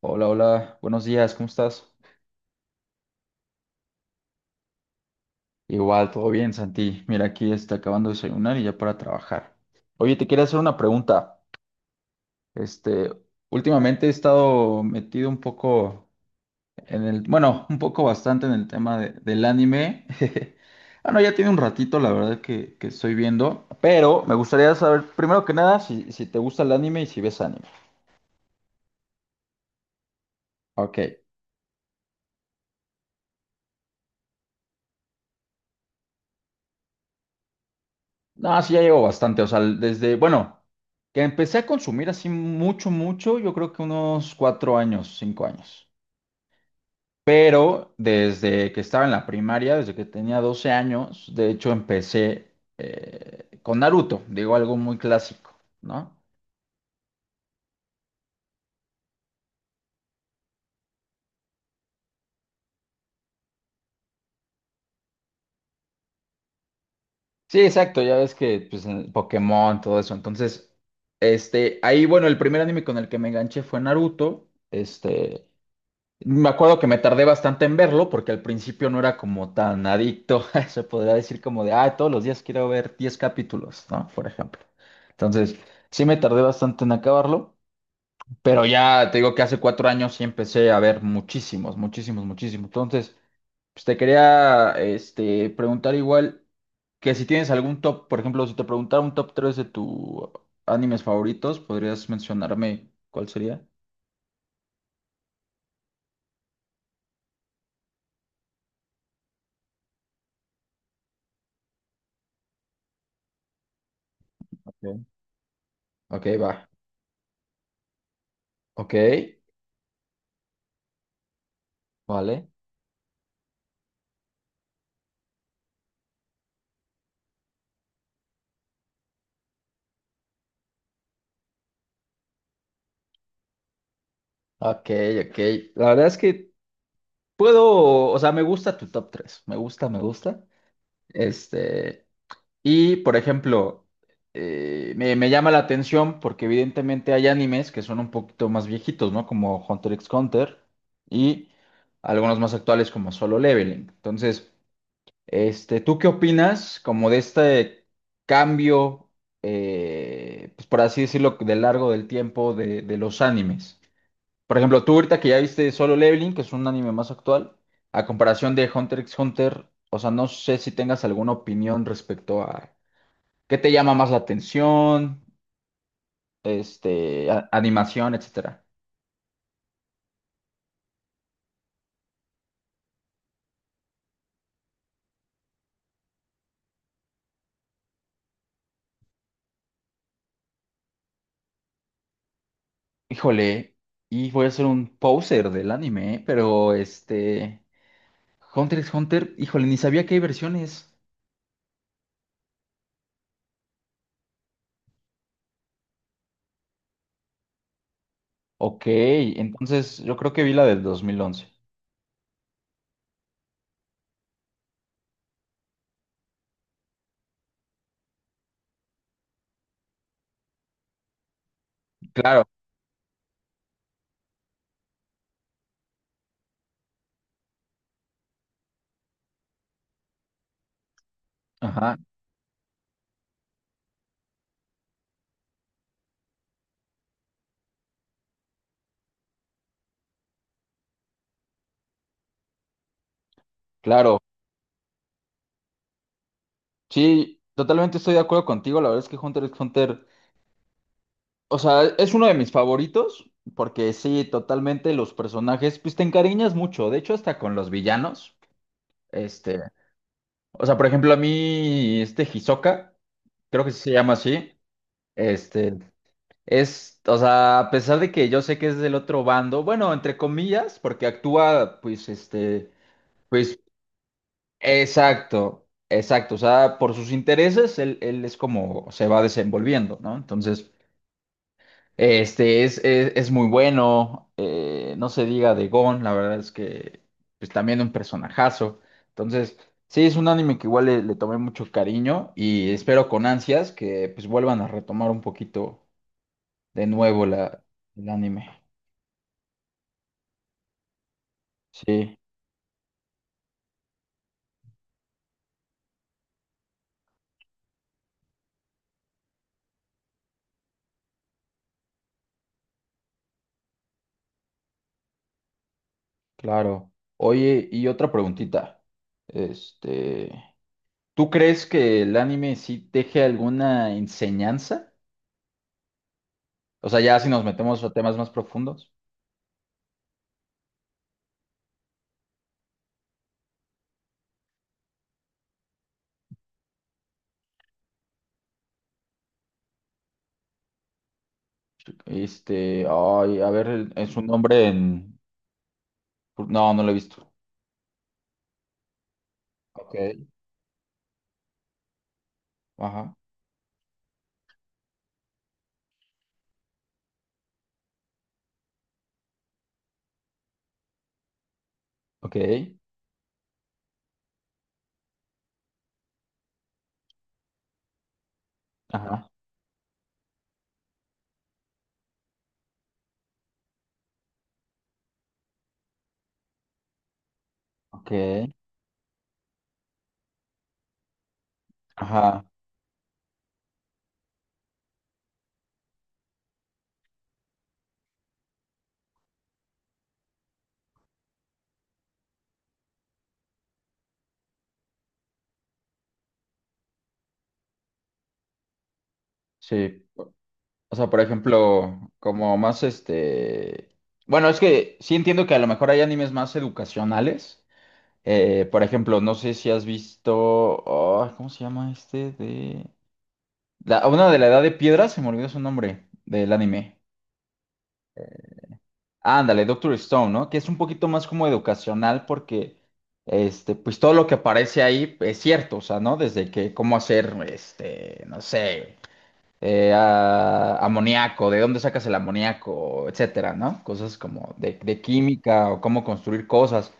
Hola, hola, buenos días, ¿cómo estás? Igual, todo bien, Santi. Mira, aquí está acabando de desayunar y ya para trabajar. Oye, te quería hacer una pregunta. Este, últimamente he estado metido un poco en bueno, un poco bastante en el tema del anime. Bueno, ya tiene un ratito, la verdad, que estoy viendo, pero me gustaría saber, primero que nada, si te gusta el anime y si ves anime. Ok. No, sí, ya llevo bastante. O sea, desde, bueno, que empecé a consumir así mucho, mucho, yo creo que unos cuatro años, cinco años. Pero desde que estaba en la primaria, desde que tenía 12 años, de hecho empecé con Naruto, digo algo muy clásico, ¿no? Sí, exacto, ya ves que, pues, el Pokémon, todo eso. Entonces, ahí, bueno, el primer anime con el que me enganché fue Naruto. Este. Me acuerdo que me tardé bastante en verlo porque al principio no era como tan adicto, se podría decir como de, ah, todos los días quiero ver 10 capítulos, ¿no? Por ejemplo. Entonces, sí me tardé bastante en acabarlo, pero ya te digo que hace cuatro años sí empecé a ver muchísimos, muchísimos, muchísimos. Entonces, pues te quería preguntar igual que si tienes algún top, por ejemplo, si te preguntara un top 3 de tus animes favoritos, ¿podrías mencionarme cuál sería? Ok. Ok, va. Ok, vale. Ok, ok. La verdad es que puedo, o sea, me gusta tu top 3. Me gusta, me gusta. Este, y por ejemplo, me llama la atención porque evidentemente hay animes que son un poquito más viejitos, ¿no? Como Hunter x Hunter y algunos más actuales como Solo Leveling. Entonces, ¿tú qué opinas como de este cambio, pues por así decirlo, de largo del tiempo de los animes? Por ejemplo, tú ahorita que ya viste Solo Leveling, que es un anime más actual, a comparación de Hunter x Hunter, o sea, no sé si tengas alguna opinión respecto a qué te llama más la atención, animación, etcétera. Híjole, y voy a ser un poser del anime, ¿eh? Pero Hunter x Hunter, híjole, ni sabía que hay versiones. Ok, entonces yo creo que vi la del 2011. Claro, ajá, claro. Sí, totalmente estoy de acuerdo contigo. La verdad es que Hunter x Hunter, o sea, es uno de mis favoritos, porque sí, totalmente los personajes, pues te encariñas mucho, de hecho hasta con los villanos. Este, o sea, por ejemplo, a mí este Hisoka, creo que sí se llama así, este, es, o sea, a pesar de que yo sé que es del otro bando, bueno, entre comillas, porque actúa, pues, pues, exacto, exacto, o sea, por sus intereses, él es como se va desenvolviendo, ¿no? Entonces... es muy bueno, no se diga de Gon, la verdad es que pues también un personajazo. Entonces, sí, es un anime que igual le tomé mucho cariño y espero con ansias que pues vuelvan a retomar un poquito de nuevo el anime. Sí, claro. Oye, y otra preguntita. Este, ¿Tú crees que el anime sí deje alguna enseñanza? O sea, ya si nos metemos a temas más profundos. Este, ay, a ver, es un nombre en... No, no lo he visto. Ok. Ajá. Ok. Ajá. Ok. Ajá. Sí. O sea, por ejemplo, como más este... Bueno, es que sí entiendo que a lo mejor hay animes más educacionales. Por ejemplo, no sé si has visto... Oh, ¿cómo se llama este? De... La... Una de la Edad de Piedra, se me olvidó su nombre del anime. Ándale, Doctor Stone, ¿no? Que es un poquito más como educacional porque, pues todo lo que aparece ahí es cierto, o sea, ¿no? Desde que cómo hacer, no sé, amoníaco, de dónde sacas el amoníaco, etcétera, ¿no? Cosas como de química o cómo construir cosas.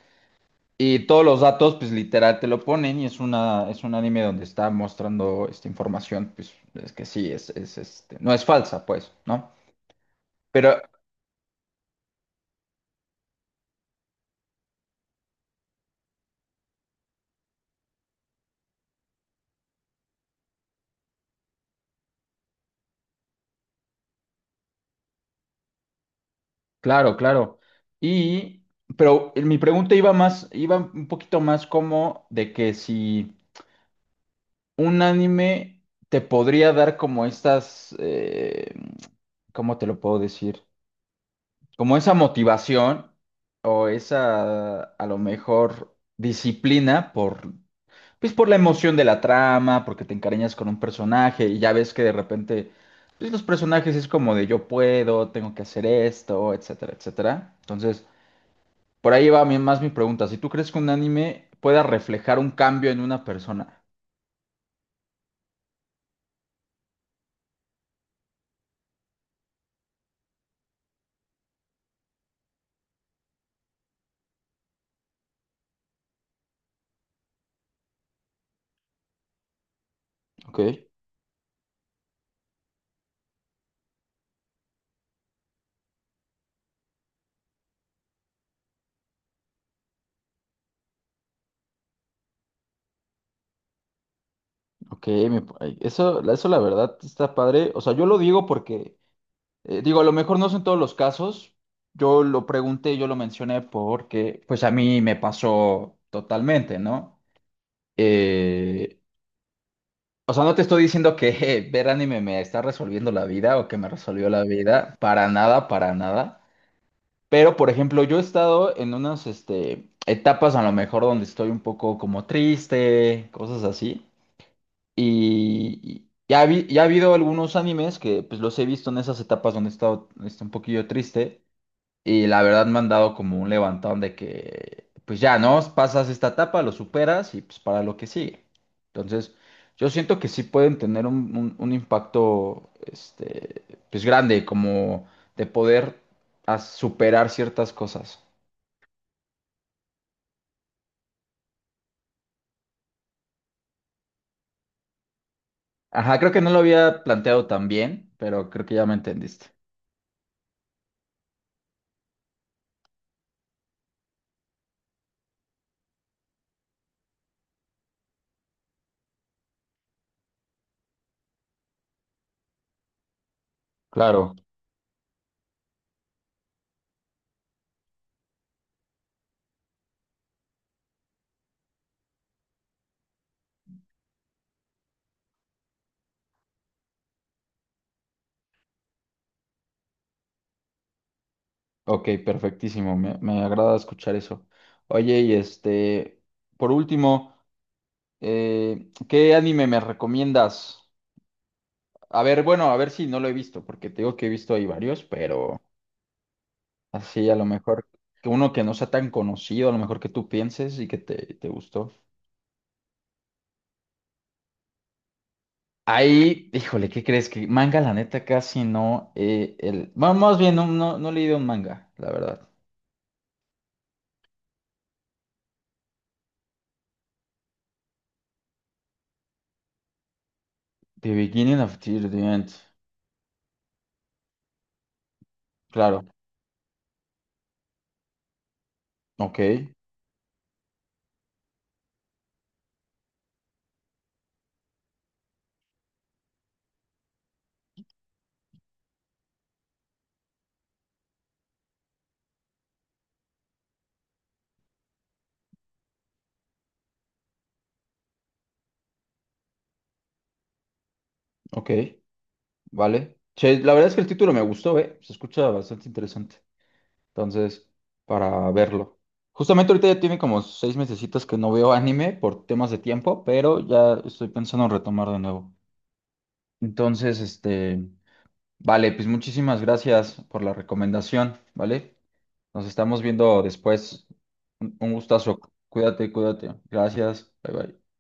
Y todos los datos, pues literal te lo ponen y es una, es un anime donde está mostrando esta información, pues es que sí, no es falsa, pues, ¿no? Pero claro, claro. Y, pero mi pregunta iba más, iba un poquito más como de que si un anime te podría dar como estas, ¿cómo te lo puedo decir? Como esa motivación o esa, a lo mejor, disciplina pues por la emoción de la trama, porque te encariñas con un personaje y ya ves que de repente, pues los personajes es como de yo puedo, tengo que hacer esto, etcétera, etcétera. Entonces... Por ahí va más mi pregunta. Si tú crees que un anime pueda reflejar un cambio en una persona. Ok, ok, ay, eso, eso la verdad está padre. O sea, yo lo digo porque, digo, a lo mejor no son todos los casos. Yo lo pregunté, yo lo mencioné porque, pues a mí me pasó totalmente, ¿no? Eh, o sea, no te estoy diciendo que ver anime me está resolviendo la vida o que me resolvió la vida. Para nada, para nada. Pero, por ejemplo, yo he estado en unas, etapas a lo mejor donde estoy un poco como triste, cosas así. Ya ha habido algunos animes que pues los he visto en esas etapas donde he estado un poquillo triste. Y la verdad me han dado como un levantón de que, pues ya, ¿no? Pasas esta etapa, lo superas y pues para lo que sigue. Entonces, yo siento que sí pueden tener un impacto, pues grande, como de poder superar ciertas cosas. Ajá, creo que no lo había planteado tan bien, pero creo que ya me entendiste. Claro, ok, perfectísimo. Me agrada escuchar eso. Oye, y por último, ¿qué anime me recomiendas? A ver, bueno, a ver si no lo he visto, porque te digo que he visto ahí varios, pero así a lo mejor que uno que no sea tan conocido, a lo mejor que tú pienses y que te gustó. Ahí, híjole, ¿qué crees? Que manga, la neta, casi no. El... Bueno, más bien, no he leído un manga, la verdad. The Beginning of Till the End. Claro. Ok, ok, vale. Che, la verdad es que el título me gustó, ¿eh? Se escucha bastante interesante. Entonces, para verlo. Justamente ahorita ya tiene como seis mesecitos que no veo anime por temas de tiempo, pero ya estoy pensando en retomar de nuevo. Entonces, vale, pues muchísimas gracias por la recomendación, ¿vale? Nos estamos viendo después. Un gustazo. Cuídate, cuídate. Gracias. Bye bye.